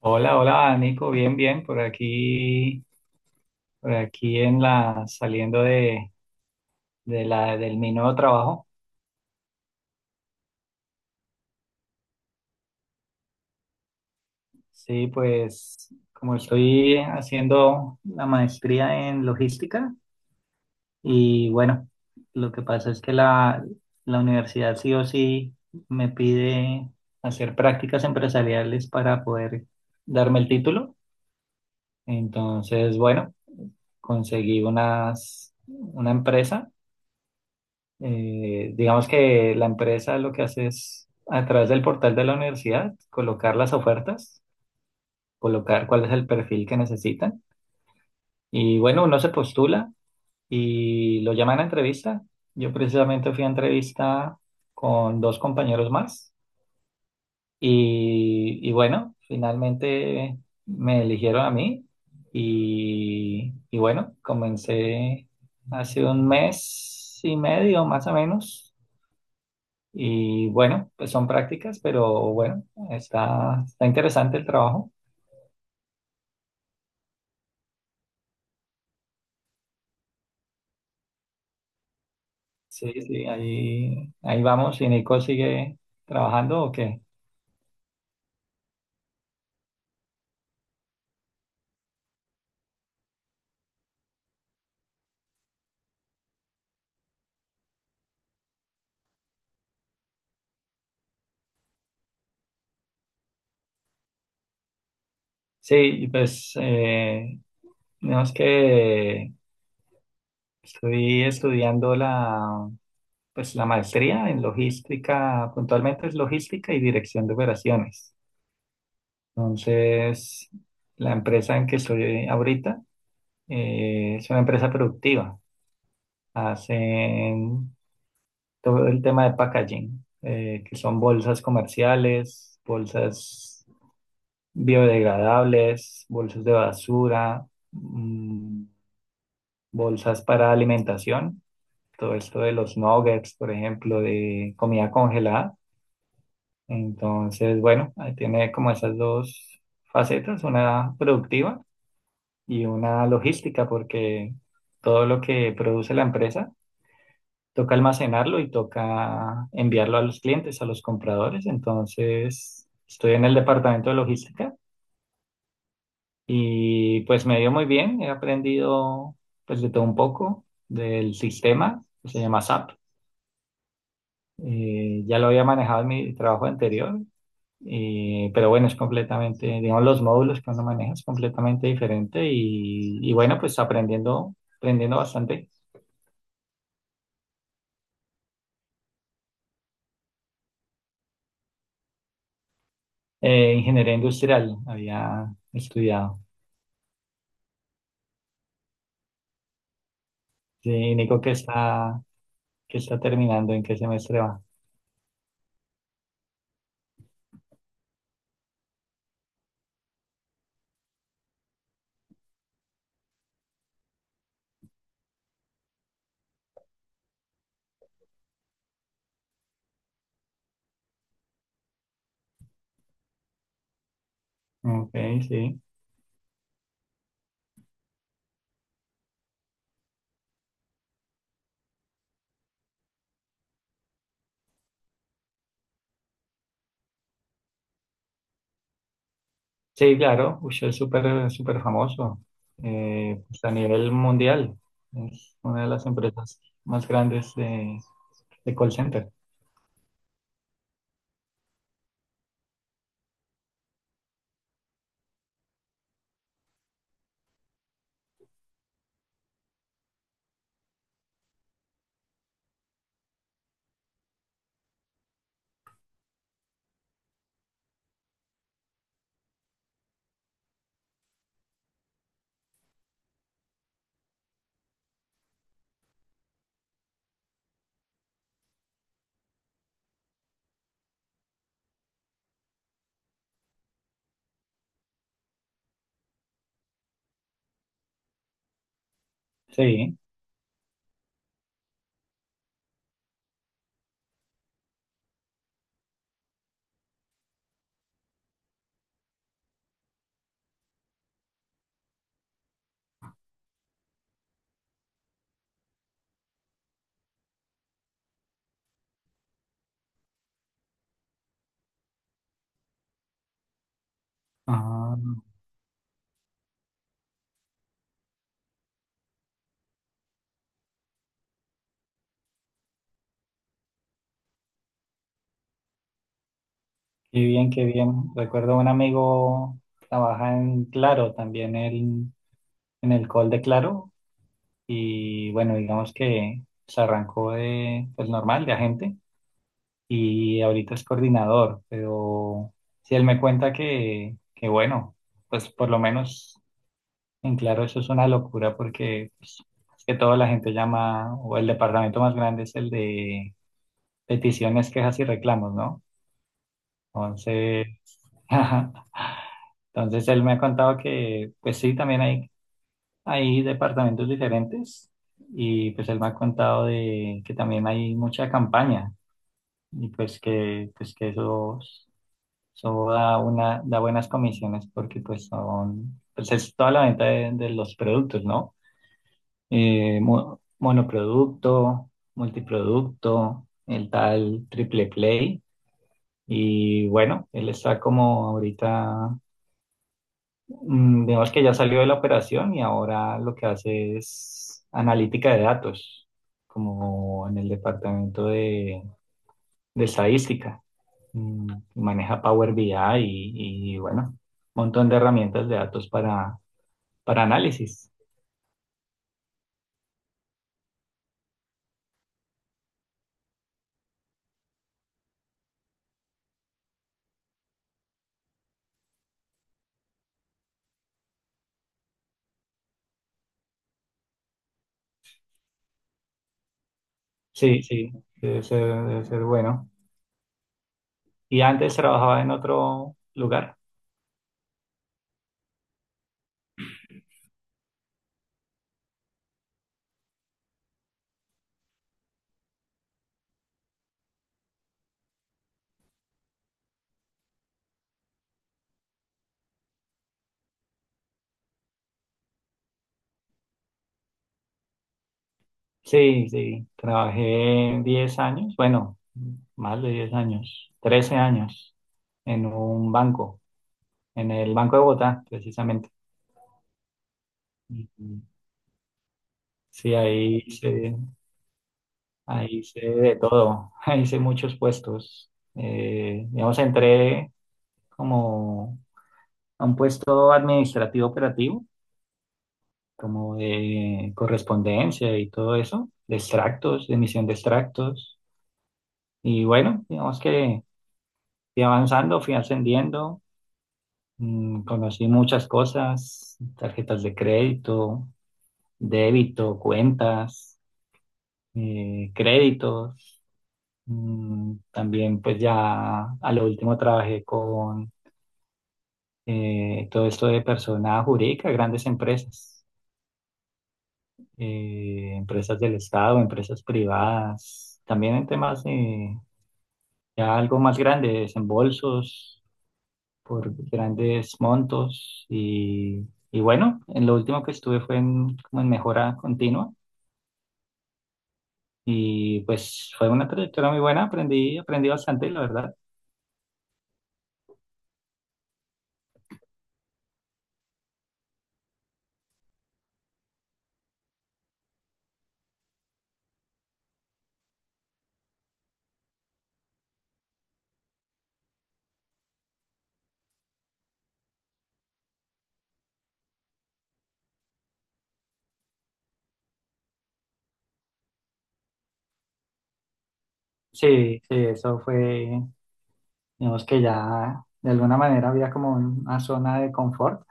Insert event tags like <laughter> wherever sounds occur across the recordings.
Hola, hola, Nico, bien, bien, por aquí saliendo del mi nuevo trabajo. Sí, pues como estoy haciendo la maestría en logística y bueno, lo que pasa es que la universidad sí o sí me pide hacer prácticas empresariales para poder darme el título. Entonces, bueno, conseguí una empresa. Digamos que la empresa lo que hace es, a través del portal de la universidad, colocar las ofertas, colocar cuál es el perfil que necesitan. Y bueno, uno se postula y lo llaman a entrevista. Yo precisamente fui a entrevista con dos compañeros más y bueno, finalmente me eligieron a mí y bueno, comencé hace un mes y medio más o menos. Y bueno, pues son prácticas, pero bueno, está interesante el trabajo. Sí, sí, ahí vamos. ¿Y Nico sigue trabajando o qué? Sí, pues no es que estoy estudiando pues, la maestría en logística, puntualmente es logística y dirección de operaciones. Entonces, la empresa en que estoy ahorita es una empresa productiva. Hacen todo el tema de packaging, que son bolsas comerciales, bolsas biodegradables, bolsas de basura, mm, bolsas para alimentación, todo esto de los nuggets, por ejemplo, de comida congelada. Entonces, bueno, ahí tiene como esas dos facetas, una productiva y una logística, porque todo lo que produce la empresa toca almacenarlo y toca enviarlo a los clientes, a los compradores. Entonces, estoy en el departamento de logística y pues me dio muy bien. He aprendido pues de todo un poco del sistema que se llama SAP. Ya lo había manejado en mi trabajo anterior, pero bueno, es completamente, digamos, los módulos que uno maneja es completamente diferente y bueno, pues aprendiendo, aprendiendo bastante. Ingeniería industrial había estudiado. Sí, Nico que está terminando, ¿en qué semestre va? Ok, sí. Sí, claro, uy, es súper, súper famoso, pues a nivel mundial. Es una de las empresas más grandes de call center. Sí. Ah, qué bien, qué bien. Recuerdo un amigo trabaja en Claro, también él, en el call de Claro. Y bueno, digamos que se arrancó pues normal, de agente. Y ahorita es coordinador, pero si él me cuenta que bueno, pues por lo menos en Claro eso es una locura porque pues, es que toda la gente llama, o el departamento más grande es el de peticiones, quejas y reclamos, ¿no? Entonces, <laughs> entonces él me ha contado que pues sí, también hay departamentos diferentes y pues él me ha contado de que también hay mucha campaña y pues que eso. Eso da, da buenas comisiones porque pues pues es toda la venta de los productos, ¿no? Monoproducto, multiproducto, el tal triple play. Y bueno, él está como ahorita, digamos que ya salió de la operación y ahora lo que hace es analítica de datos, como en el departamento de estadística. mm, Maneja Power BI y, bueno, un montón de herramientas de datos para análisis. Sí, sí, debe ser bueno. Y antes trabajaba en otro lugar. Sí, sí, trabajé 10 años, bueno, más de 10 años, 13 años en un banco, en el Banco de Bogotá, precisamente. Y y Sí, ahí hice de todo, <laughs> ahí hice muchos puestos. Digamos, entré como a un puesto administrativo operativo, como de correspondencia y todo eso, de extractos, de emisión de extractos. Y bueno, digamos que fui avanzando, fui ascendiendo, conocí muchas cosas, tarjetas de crédito, débito, cuentas, créditos. También pues ya a lo último trabajé con todo esto de persona jurídica, grandes empresas. Empresas del Estado, empresas privadas, también en temas de ya algo más grande, desembolsos por grandes montos y bueno, en lo último que estuve fue en, como en mejora continua y pues fue una trayectoria muy buena, aprendí, aprendí bastante, la verdad. Sí, sí, eso fue, digamos que ya de alguna manera había como una zona de confort,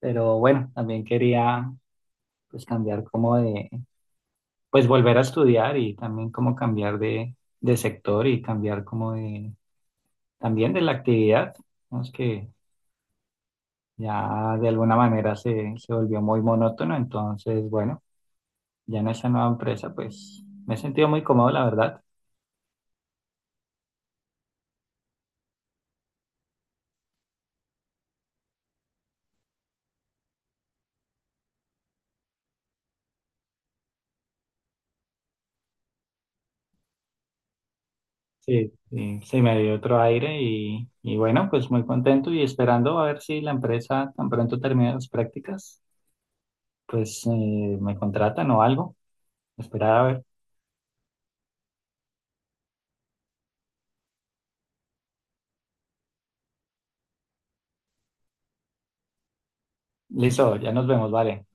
pero bueno, también quería pues cambiar como de pues volver a estudiar y también como cambiar de sector y cambiar como también de la actividad, digamos que ya de alguna manera se volvió muy monótono, entonces bueno, ya en esa nueva empresa pues me he sentido muy cómodo, la verdad. Sí, sí, sí, me dio otro aire y bueno, pues muy contento y esperando a ver si la empresa tan pronto termina las prácticas, pues me contratan o algo. Esperar a ver. Listo, ya nos vemos, vale.